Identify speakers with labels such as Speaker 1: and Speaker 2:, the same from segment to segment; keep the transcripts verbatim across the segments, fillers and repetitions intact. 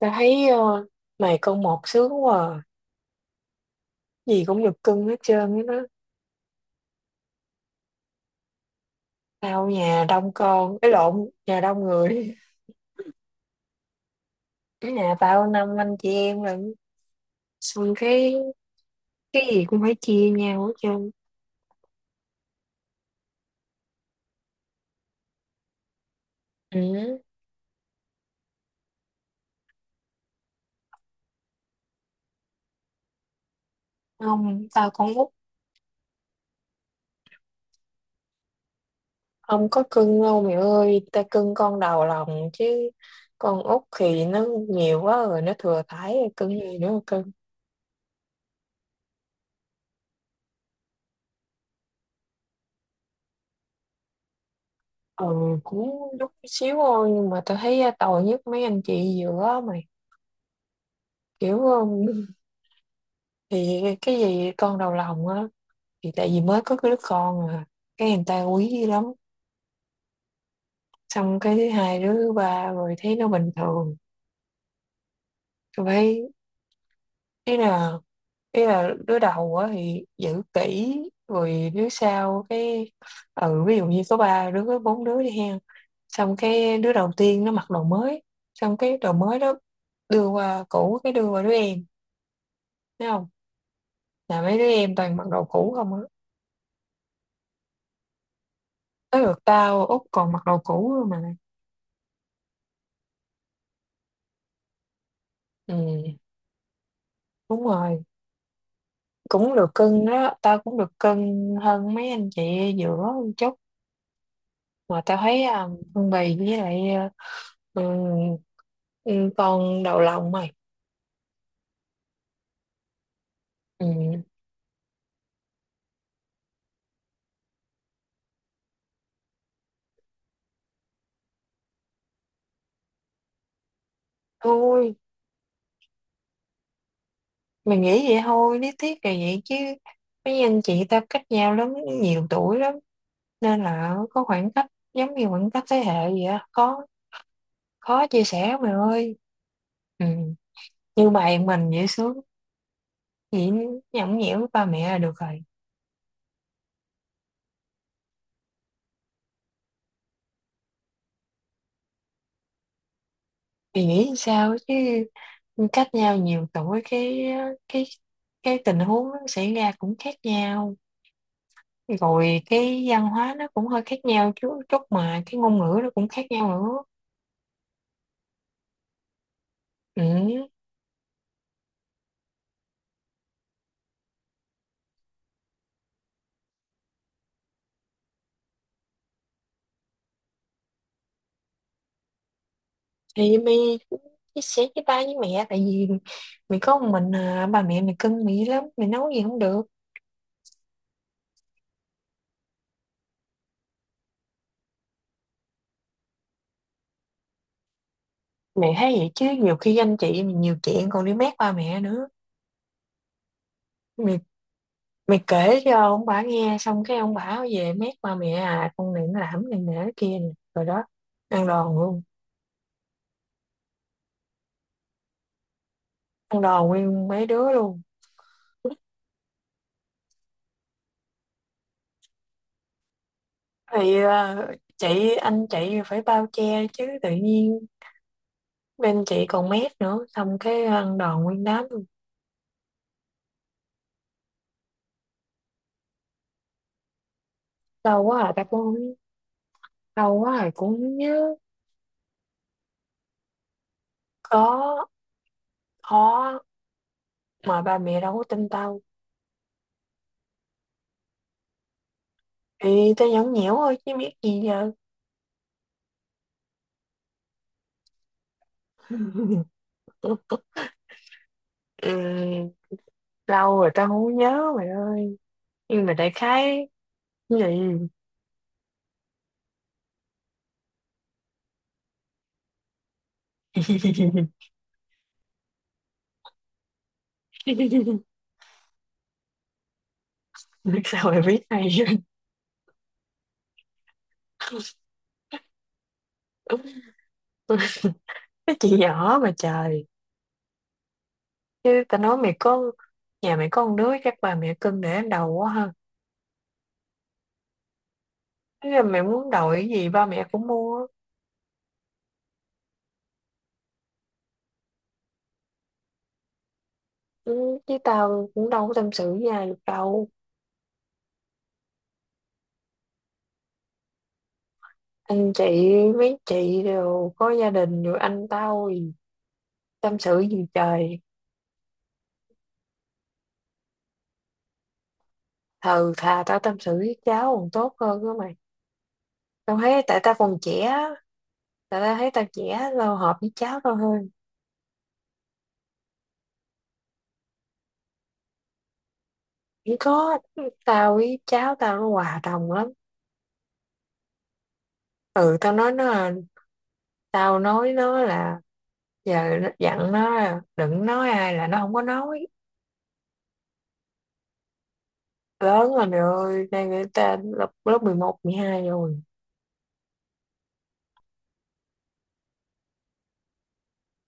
Speaker 1: Tao thấy ờ, mày con một sướng quá à. Gì cũng được cưng hết trơn á đó. Tao nhà đông con, cái lộn, nhà đông người. Cái nhà tao năm anh chị em lận. Xong cái cái gì cũng phải chia nhau hết trơn. Ừ. Không, tao con út, không có cưng đâu mẹ ơi. Tao cưng con đầu lòng chứ. Con út thì nó nhiều quá rồi, nó thừa thãi rồi, cưng gì nữa mà cưng. Ừ, cũng chút xíu thôi nhưng mà tao thấy tội nhất mấy anh chị giữa á mày, kiểu um, thì cái gì con đầu lòng á thì tại vì mới có cái đứa con à, cái người ta quý lắm, xong cái thứ hai đứa thứ ba rồi thấy nó bình thường. Tôi thấy, ý là ý là đứa đầu á thì giữ kỹ, rồi đứa sau cái ừ ví dụ như có ba đứa có bốn đứa đi hen, xong cái đứa đầu tiên nó mặc đồ mới, xong cái đồ mới đó đưa qua cũ cái đưa qua đứa em, thấy không, là mấy đứa em toàn mặc đồ cũ không á, tới lượt tao Út còn mặc đồ cũ luôn mà. Ừ, đúng rồi, cũng được cưng đó, tao cũng được cưng hơn mấy anh chị giữa một chút, mà tao thấy à, Hương Bì với lại ờ, ừ, ừ, con đầu lòng mày. Ừ. Thôi, mày nghĩ vậy thôi, lý thuyết là vậy chứ mấy anh chị tao cách nhau lắm, nhiều tuổi lắm, nên là có khoảng cách, giống như khoảng cách thế hệ vậy á, khó, khó chia sẻ lắm mày ơi. Ừ. Như mày mình dễ sướng vậy, nhõng nhẽo với ba mẹ là được rồi. Thì nghĩ sao chứ, cách nhau nhiều tuổi cái cái cái tình huống nó xảy ra cũng khác nhau, rồi cái văn hóa nó cũng hơi khác nhau chút chút, mà cái ngôn ngữ nó cũng khác nhau nữa. Ừ. Thì mày chia sẻ với ba với mẹ, tại vì mày có một mình à, ba mẹ mày cưng mày lắm, mày nấu gì không được. Mày thấy vậy chứ nhiều khi anh chị mày nhiều chuyện còn đi mét ba mẹ nữa. Mày mày kể cho ông bà nghe xong cái ông bà về mét ba mẹ, à con này nó làm này nè cái kia nè, rồi đó, ăn đòn luôn, ăn đòn nguyên mấy đứa luôn. thì ờ, chị anh chị phải bao che chứ, tự nhiên bên chị còn mét nữa, xong cái ăn đòn nguyên đám luôn. Đau quá à, ta cũng không, đau quá à cũng không nhớ. Có, khó, mà ba mẹ đâu có tin tao. Thì tao nhõng nhẽo thôi chứ biết gì giờ. Ừ, lâu rồi tao không nhớ mày ơi, nhưng mà đại khái. Ừ. Biết sao mày biết hay vậy? Cái chị nhỏ mà trời, chứ tao nói mày có, nhà mày có con đứa chắc bà mẹ cưng để lên đầu quá ha. Thế là mày muốn đổi cái gì ba mẹ cũng mua. Ừ, chứ tao cũng đâu có tâm sự với ai được đâu. Anh chị, mấy chị đều có gia đình rồi, anh tao thì tâm sự gì trời. Thờ thà tao tâm sự với cháu còn tốt hơn đó mày, tao thấy tại tao còn trẻ á. Tại tao thấy tao trẻ, tao hợp với cháu tao hơn. Cũng có, tao với cháu tao nó hòa đồng lắm. Ừ, tao nói nó là tao nói nó là giờ nó dặn nó là đừng nói ai là nó không có nói. Lớn rồi mày ơi, đang người ta lớp lớp mười một, mười hai rồi.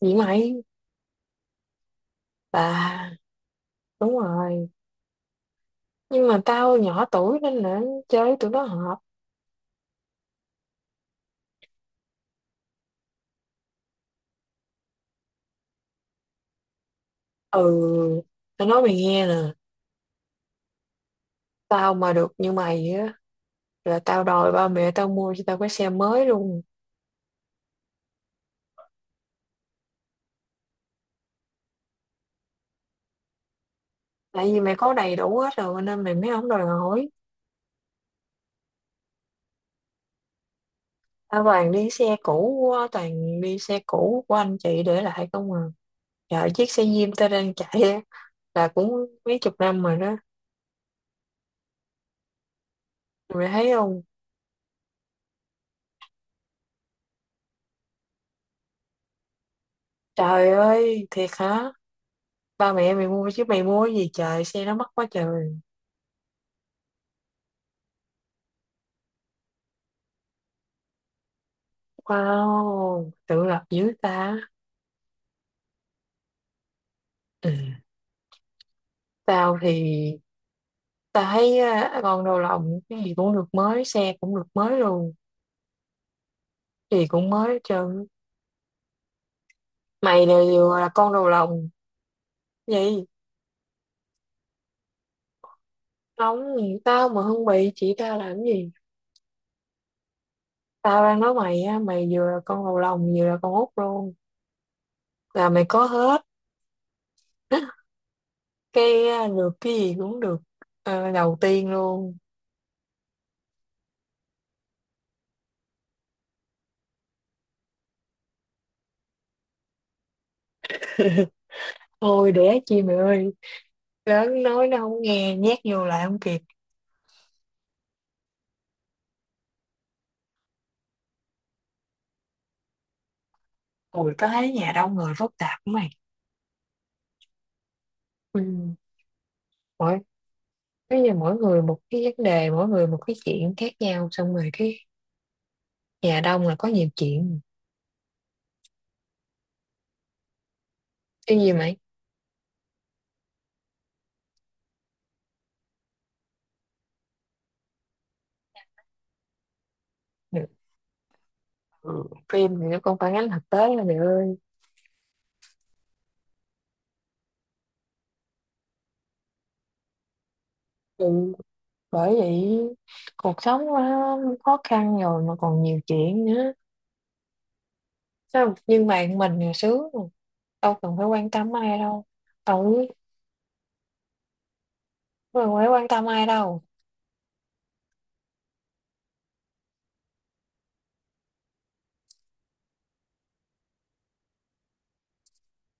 Speaker 1: Vậy mày, bà, đúng rồi, nhưng mà tao nhỏ tuổi nên là chơi với tụi nó hợp. Ừ, tao nói mày nghe nè, tao mà được như mày á là tao đòi ba mẹ tao mua cho tao cái xe mới luôn. Tại vì mày có đầy đủ hết rồi nên mày mới không đòi hỏi. Tao toàn đi xe cũ quá, toàn đi xe cũ của anh chị để lại không à. Dạ, chiếc xe Diêm tao đang chạy á, là cũng mấy chục năm rồi đó. Mày thấy không? Trời ơi, thiệt hả? Ba mẹ mày mua chứ mày mua cái gì trời, xe nó mắc quá trời. Wow, tự lập dữ ta. Ừ. Tao thì, tao thấy á, con đầu lòng, cái gì cũng được mới, xe cũng được mới luôn. Gì cũng mới hết trơn. Mày là, vừa là con đầu lòng. Vậy, không, tao mà không bị chị tao làm gì? Tao đang nói mày á, mày vừa là con đầu lòng vừa là con út luôn. Là mày có hết. Cái à, được cái gì cũng được ờ, đầu tiên luôn. Thôi đẻ chi mày ơi. Lớn nói nó không nghe, nhét vô lại không kịp. Ui, tao thấy nhà đông người phức tạp của mày. Ừ. Mỗi, bây giờ mỗi người một cái vấn đề, mỗi người một cái chuyện khác nhau. Xong rồi cái nhà đông là có nhiều chuyện. Cái gì mày? Ừ. Phim thì nó còn phản ánh thực tế là mày ơi. Ừ. Bởi vậy cuộc sống quá khó khăn rồi mà còn nhiều chuyện nữa, sao, nhưng mà mình thì sướng rồi. Đâu cần phải quan tâm ai đâu. Ừ, đâu cần phải quan tâm ai đâu.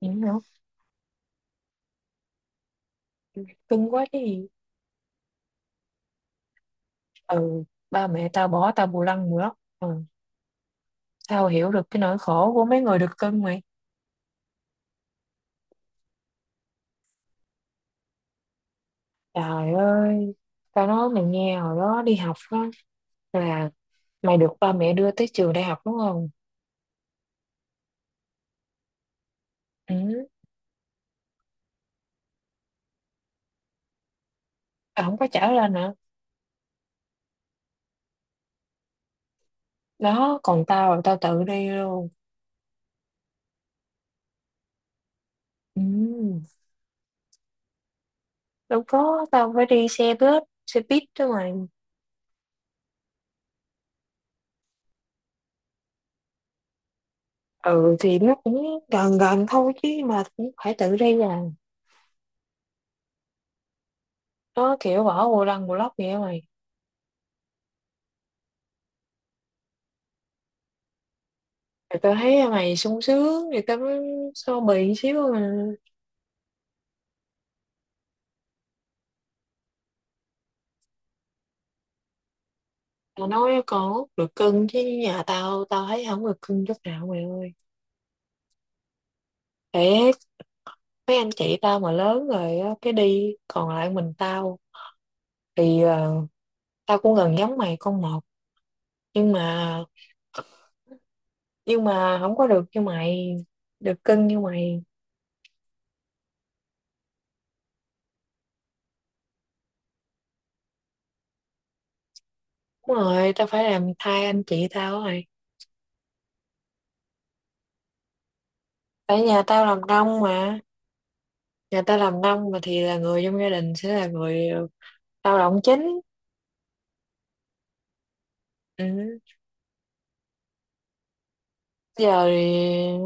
Speaker 1: Vậy hả? Cưng quá chứ gì. Ừ, ba mẹ tao bỏ tao bù lăng bù lóc. Ừ. Tao hiểu được cái nỗi khổ của mấy người được cưng mày. Trời ơi, tao nói mày nghe hồi đó đi học đó, là mày được ba mẹ đưa tới trường đại học đúng không. Ừ, tao không có trả lên hả, đó còn tao là tao tự đi luôn. Ừ, đâu có, tao phải đi xe bus xe buýt đó mà. Ừ thì nó cũng gần gần thôi chứ mà cũng phải tự đi à, nó kiểu bỏ bù lăng bù lóc vậy mày. Thì tao thấy mày sung sướng thì tao mới so bì xíu mà. Tao nói còn hút được cưng, chứ nhà tao tao thấy không được cưng chút nào mày ơi. Để mấy anh chị tao mà lớn rồi á, cái đi còn lại mình tao, thì ờ, tao cũng gần giống mày con một, nhưng mà nhưng mà không có được như mày, được cưng như mày. Đúng rồi, tao phải làm thay anh chị tao rồi, tại nhà tao làm nông mà. Nhà tao làm nông mà thì là người trong gia đình sẽ là người lao động chính. Ừ. Giờ thì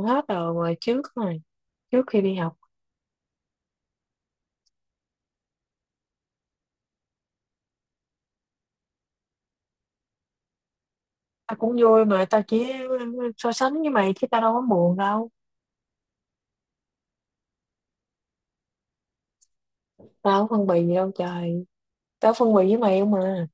Speaker 1: hết rồi mà trước rồi, trước khi đi học. Tao cũng vui mà, tao chỉ so sánh với mày chứ tao đâu có buồn đâu. Tao không phân bì gì đâu trời, tao phân bì với mày không mà.